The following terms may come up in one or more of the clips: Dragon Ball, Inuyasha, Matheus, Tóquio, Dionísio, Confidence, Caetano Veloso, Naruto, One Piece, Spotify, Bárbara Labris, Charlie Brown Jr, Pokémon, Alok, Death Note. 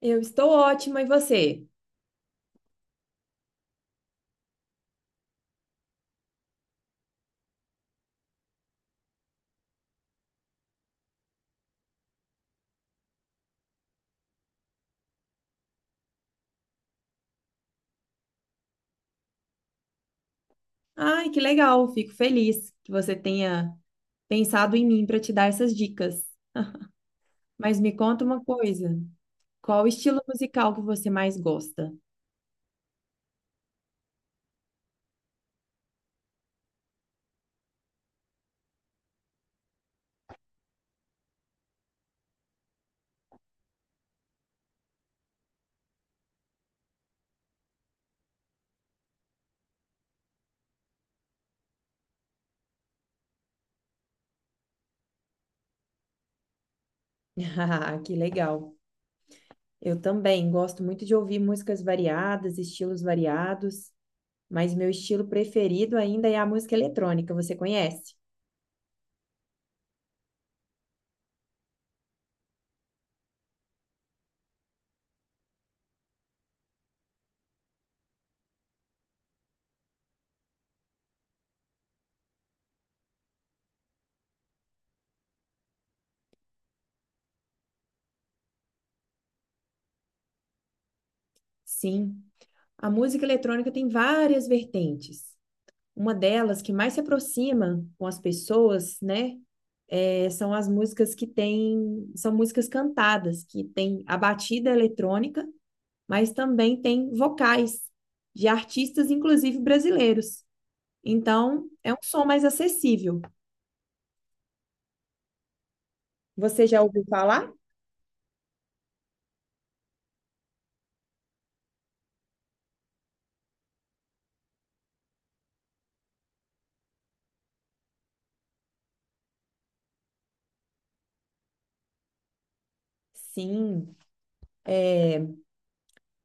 Eu estou ótima, e você? Ai, que legal, fico feliz que você tenha pensado em mim para te dar essas dicas. Mas me conta uma coisa, qual o estilo musical que você mais gosta? Ah, que legal. Eu também gosto muito de ouvir músicas variadas, estilos variados, mas meu estilo preferido ainda é a música eletrônica, você conhece? Sim, a música eletrônica tem várias vertentes. Uma delas que mais se aproxima com as pessoas, né? São as músicas que são músicas cantadas, que tem a batida eletrônica, mas também tem vocais de artistas, inclusive brasileiros. Então, é um som mais acessível. Você já ouviu falar? Sim.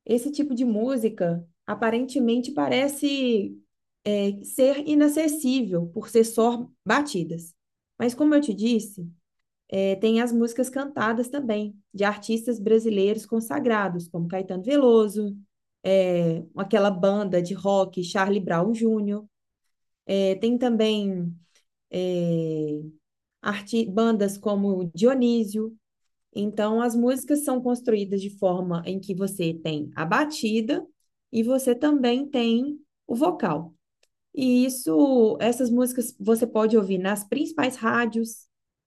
Esse tipo de música aparentemente parece ser inacessível por ser só batidas. Mas, como eu te disse, É, tem as músicas cantadas também, de artistas brasileiros consagrados, como Caetano Veloso, aquela banda de rock, Charlie Brown Jr. Tem também é, bandas como Dionísio. Então, as músicas são construídas de forma em que você tem a batida e você também tem o vocal. E isso, essas músicas você pode ouvir nas principais rádios,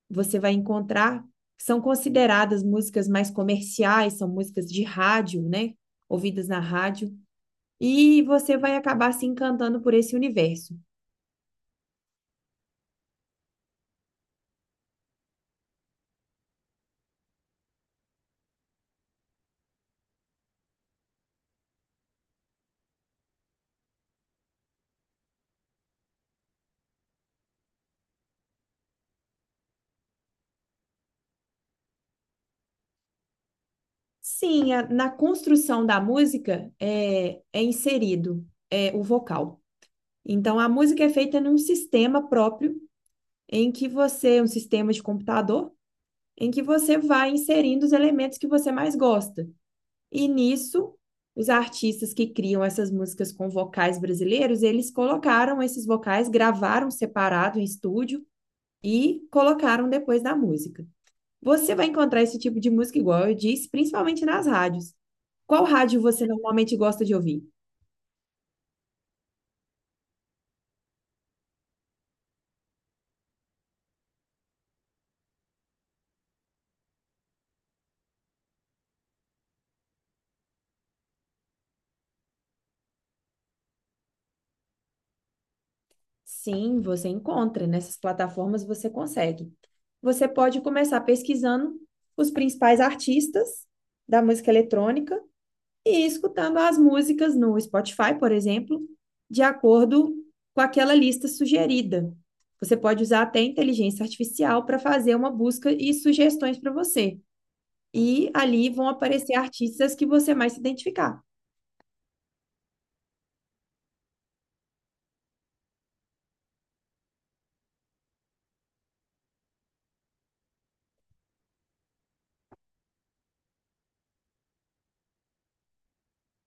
você vai encontrar, são consideradas músicas mais comerciais, são músicas de rádio, né? Ouvidas na rádio, e você vai acabar se encantando por esse universo. Sim, na construção da música é inserido o vocal. Então, a música é feita num sistema próprio, em que você, um sistema de computador, em que você vai inserindo os elementos que você mais gosta. E nisso, os artistas que criam essas músicas com vocais brasileiros, eles colocaram esses vocais, gravaram separado em estúdio e colocaram depois da música. Você vai encontrar esse tipo de música, igual eu disse, principalmente nas rádios. Qual rádio você normalmente gosta de ouvir? Sim, você encontra, nessas plataformas você consegue. Você pode começar pesquisando os principais artistas da música eletrônica e escutando as músicas no Spotify, por exemplo, de acordo com aquela lista sugerida. Você pode usar até inteligência artificial para fazer uma busca e sugestões para você. E ali vão aparecer artistas que você mais se identificar.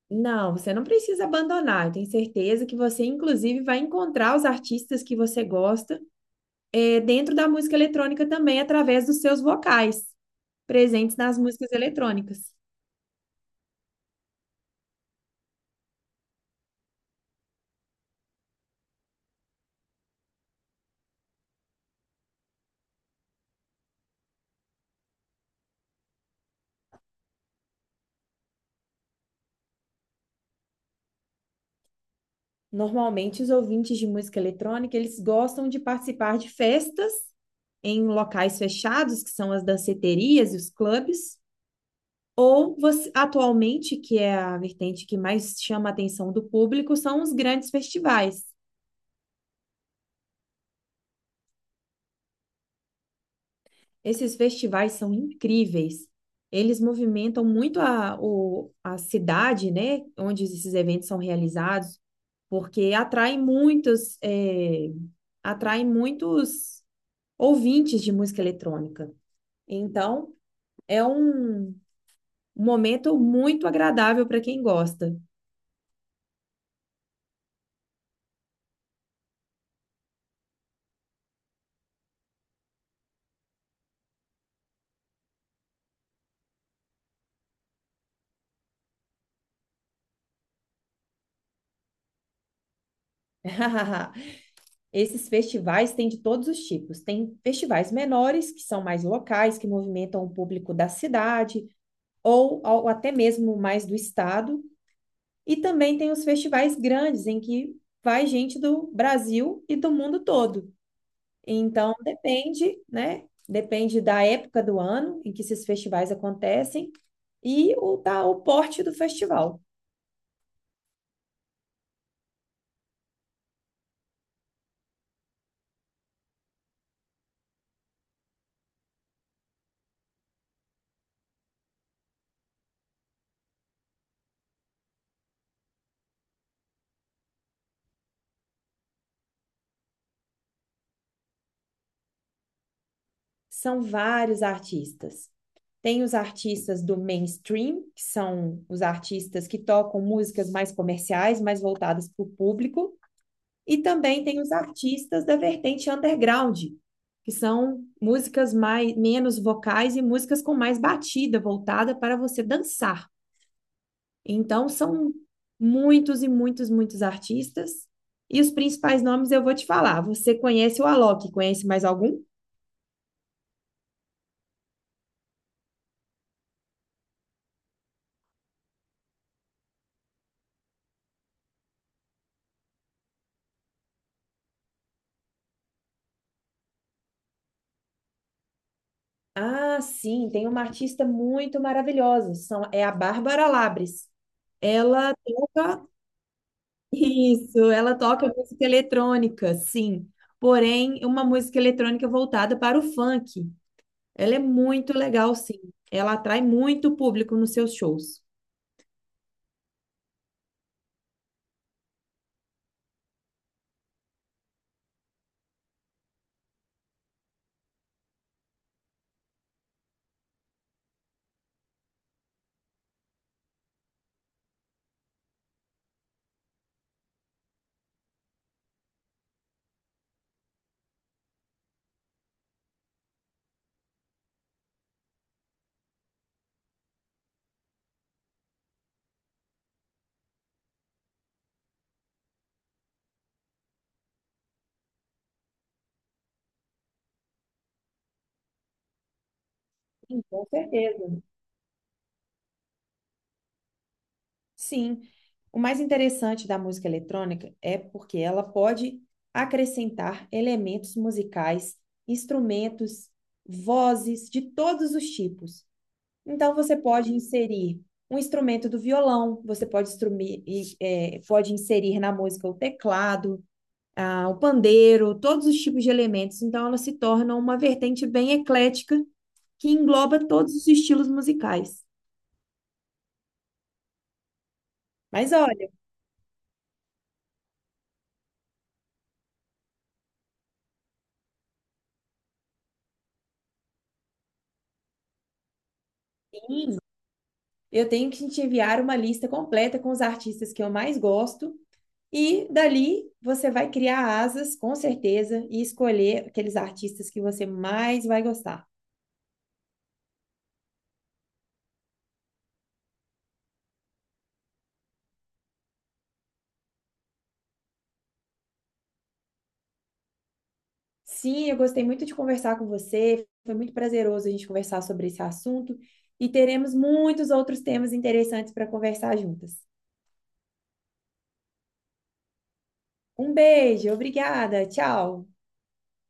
Não, você não precisa abandonar. Eu tenho certeza que você, inclusive, vai encontrar os artistas que você gosta dentro da música eletrônica também, através dos seus vocais presentes nas músicas eletrônicas. Normalmente, os ouvintes de música eletrônica, eles gostam de participar de festas em locais fechados, que são as danceterias e os clubes, ou atualmente, que é a vertente que mais chama a atenção do público, são os grandes festivais. Esses festivais são incríveis. Eles movimentam muito a cidade, né, onde esses eventos são realizados, porque atraem muitos, atraem muitos ouvintes de música eletrônica. Então, é um momento muito agradável para quem gosta. Esses festivais têm de todos os tipos. Tem festivais menores, que são mais locais, que movimentam o público da cidade ou até mesmo mais do estado. E também tem os festivais grandes, em que vai gente do Brasil e do mundo todo. Então, depende, né? Depende da época do ano em que esses festivais acontecem e o porte do festival. São vários artistas. Tem os artistas do mainstream, que são os artistas que tocam músicas mais comerciais, mais voltadas para o público, e também tem os artistas da vertente underground, que são músicas mais menos vocais e músicas com mais batida, voltada para você dançar. Então são muitos e muitos artistas. E os principais nomes eu vou te falar. Você conhece o Alok? Conhece mais algum? Ah, sim, tem uma artista muito maravilhosa, é a Bárbara Labris. Ela toca isso, ela toca música eletrônica, sim. Porém, uma música eletrônica voltada para o funk. Ela é muito legal, sim. Ela atrai muito público nos seus shows. Sim, com certeza. Sim, o mais interessante da música eletrônica é porque ela pode acrescentar elementos musicais, instrumentos, vozes de todos os tipos. Então, você pode inserir um instrumento do violão, você pode, pode inserir na música o teclado, ah, o pandeiro, todos os tipos de elementos. Então, ela se torna uma vertente bem eclética que engloba todos os estilos musicais. Mas olha, eu tenho que te enviar uma lista completa com os artistas que eu mais gosto, e dali você vai criar asas, com certeza, e escolher aqueles artistas que você mais vai gostar. Sim, eu gostei muito de conversar com você. Foi muito prazeroso a gente conversar sobre esse assunto e teremos muitos outros temas interessantes para conversar juntas. Um beijo, obrigada, tchau.